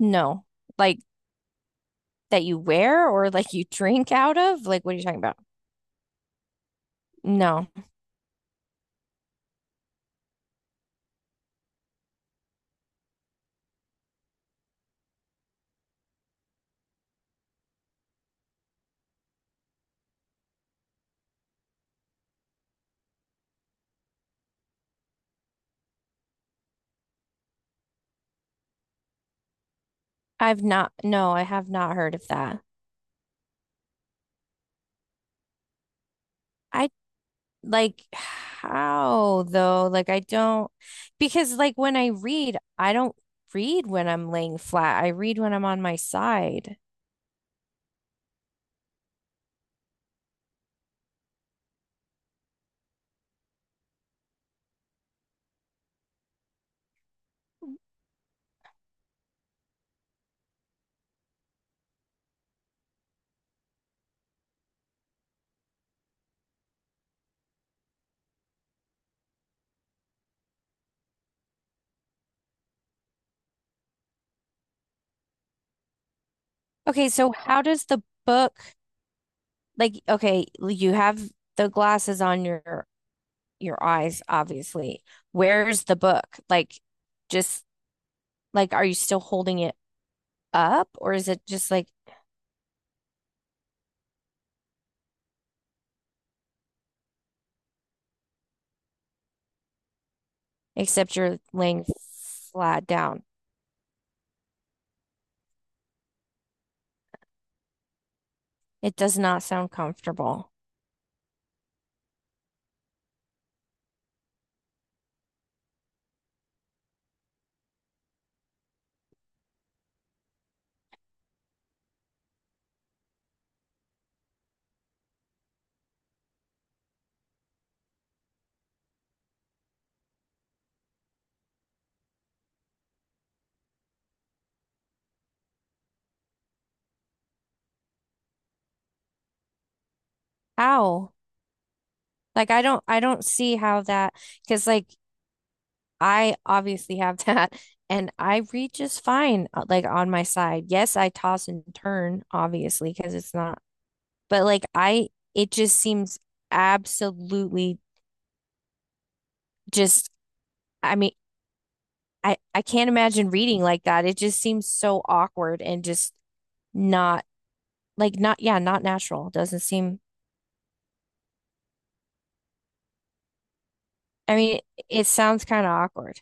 No. Like that you wear or like you drink out of? Like, what are you talking about? No, I've not. No, I have not heard of that. I like how though? Like, I don't, because like when I read, I don't read when I'm laying flat. I read when I'm on my side. Okay, so how does the book like, okay, you have the glasses on your eyes, obviously. Where's the book? Like, just like, are you still holding it up, or is it just like except you're laying flat down? It does not sound comfortable. Ow. Like I don't see how that because like I obviously have that and I read just fine like on my side. Yes, I toss and turn obviously because it's not but like I it just seems absolutely just I mean I can't imagine reading like that. It just seems so awkward and just not like not yeah, not natural. Doesn't seem I mean, it sounds kind of awkward.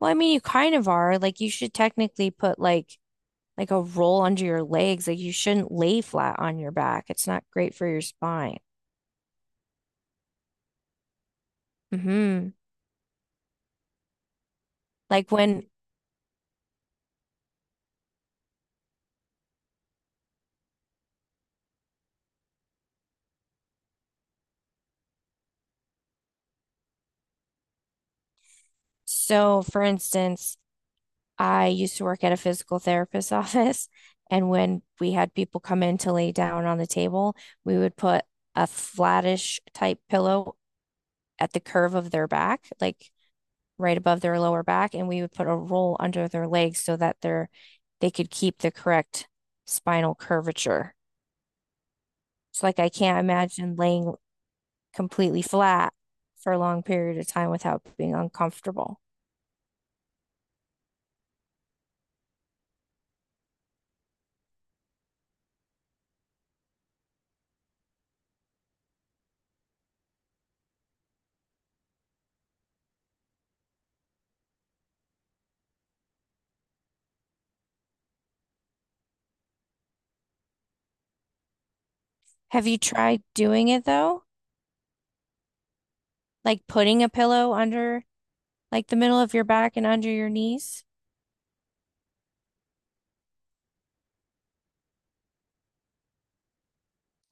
Well, I mean, you kind of are. Like, you should technically put like a roll under your legs. Like, you shouldn't lay flat on your back. It's not great for your spine. Hmm. Like when, so for instance, I used to work at a physical therapist's office, and when we had people come in to lay down on the table, we would put a flattish type pillow at the curve of their back, like right above their lower back, and we would put a roll under their legs so that they could keep the correct spinal curvature. So like I can't imagine laying completely flat for a long period of time without being uncomfortable. Have you tried doing it though? Like putting a pillow under like the middle of your back and under your knees?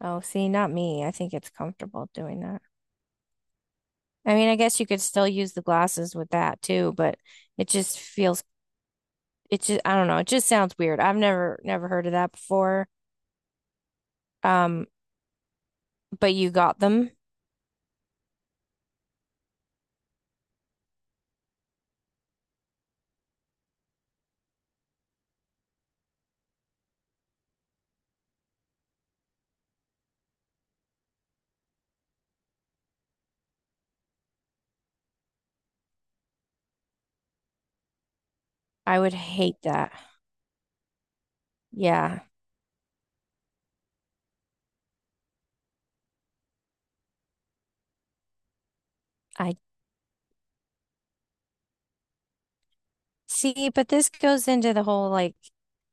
Oh, see, not me. I think it's comfortable doing that. I mean, I guess you could still use the glasses with that too, but it just feels it just I don't know, it just sounds weird. I've never heard of that before. Um, but you got them. I would hate that. Yeah. I see, but this goes into the whole like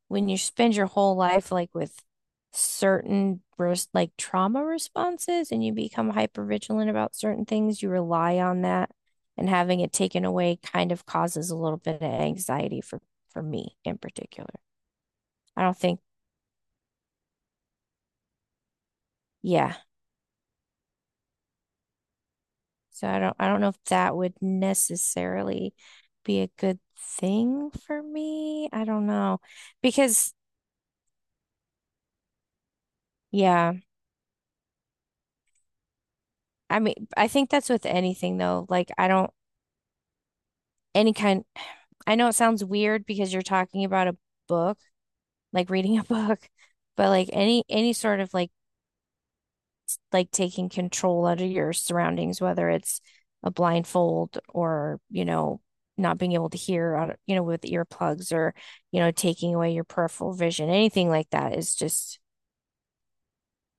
when you spend your whole life like with certain like trauma responses and you become hyper vigilant about certain things, you rely on that and having it taken away kind of causes a little bit of anxiety for me in particular. I don't think, yeah, So I don't know if that would necessarily be a good thing for me. I don't know. Because yeah, I mean I think that's with anything though. Like I don't any kind I know it sounds weird because you're talking about a book, like reading a book, but like any sort of like taking control out of your surroundings, whether it's a blindfold or, you know, not being able to hear, you know, with earplugs or, you know, taking away your peripheral vision, anything like that is just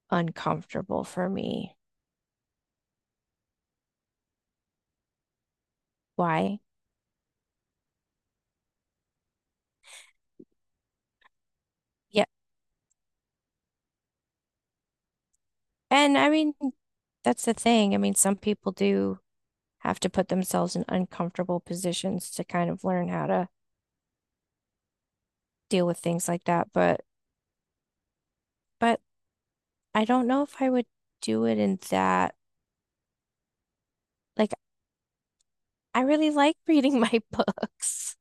uncomfortable for me. Why? Yeah. And I mean, that's the thing. I mean, some people do have to put themselves in uncomfortable positions to kind of learn how to deal with things like that. But I don't know if I would do it in that. Like, I really like reading my books.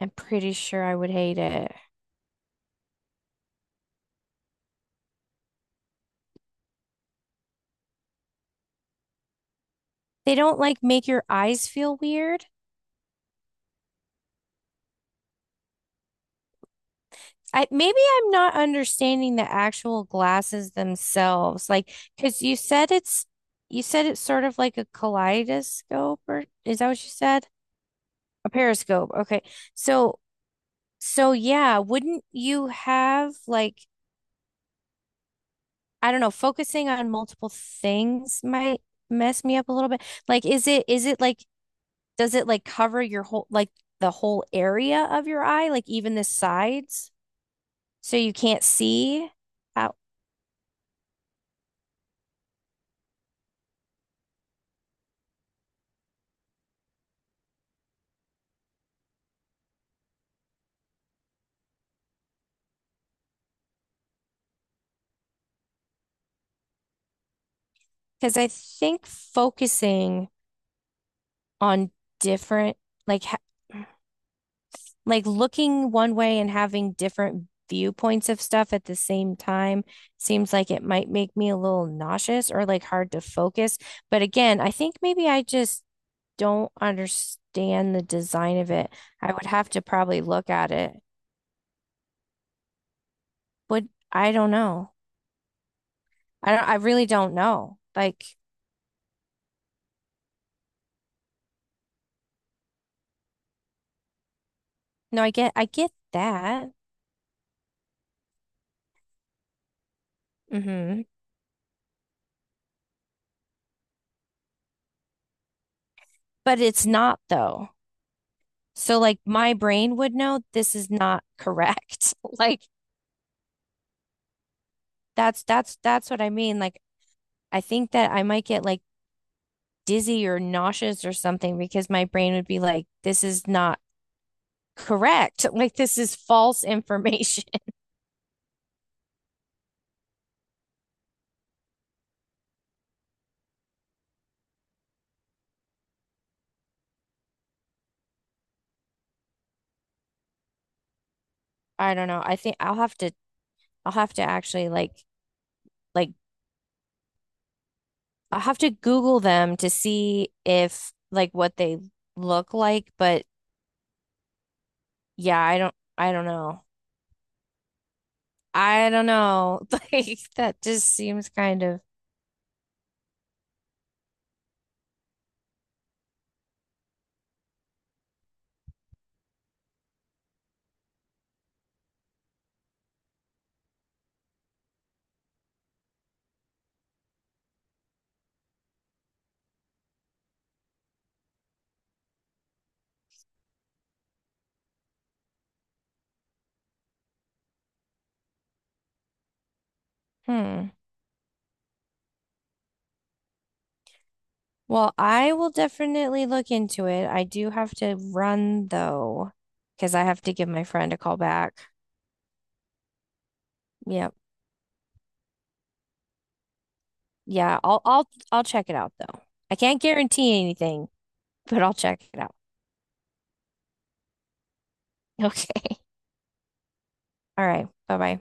I'm pretty sure I would hate it. They don't like make your eyes feel weird. I maybe I'm not understanding the actual glasses themselves. Like, because you said it's sort of like a kaleidoscope, or is that what you said? A periscope. Okay. So so yeah, wouldn't you have like I don't know, focusing on multiple things might mess me up a little bit. Like, is it like does it like cover your whole like the whole area of your eye, like even the sides, so you can't see out? Because I think focusing on different like ha like looking one way and having different viewpoints of stuff at the same time seems like it might make me a little nauseous or like hard to focus. But again, I think maybe I just don't understand the design of it. I would have to probably look at it, but I don't know. I really don't know. Like, no, I get that. Hmm. But it's not though. So like my brain would know this is not correct. Like that's what I mean. Like, I think that I might get like dizzy or nauseous or something because my brain would be like, this is not correct. Like this is false information. I don't know. I think I'll have to actually like I'll have to Google them to see if like what they look like, but yeah, I don't know. I don't know. Like that just seems kind of hmm. Well, I will definitely look into it. I do have to run though, because I have to give my friend a call back. Yep. Yeah, I'll check it out though. I can't guarantee anything, but I'll check it out. Okay. All right. Bye-bye.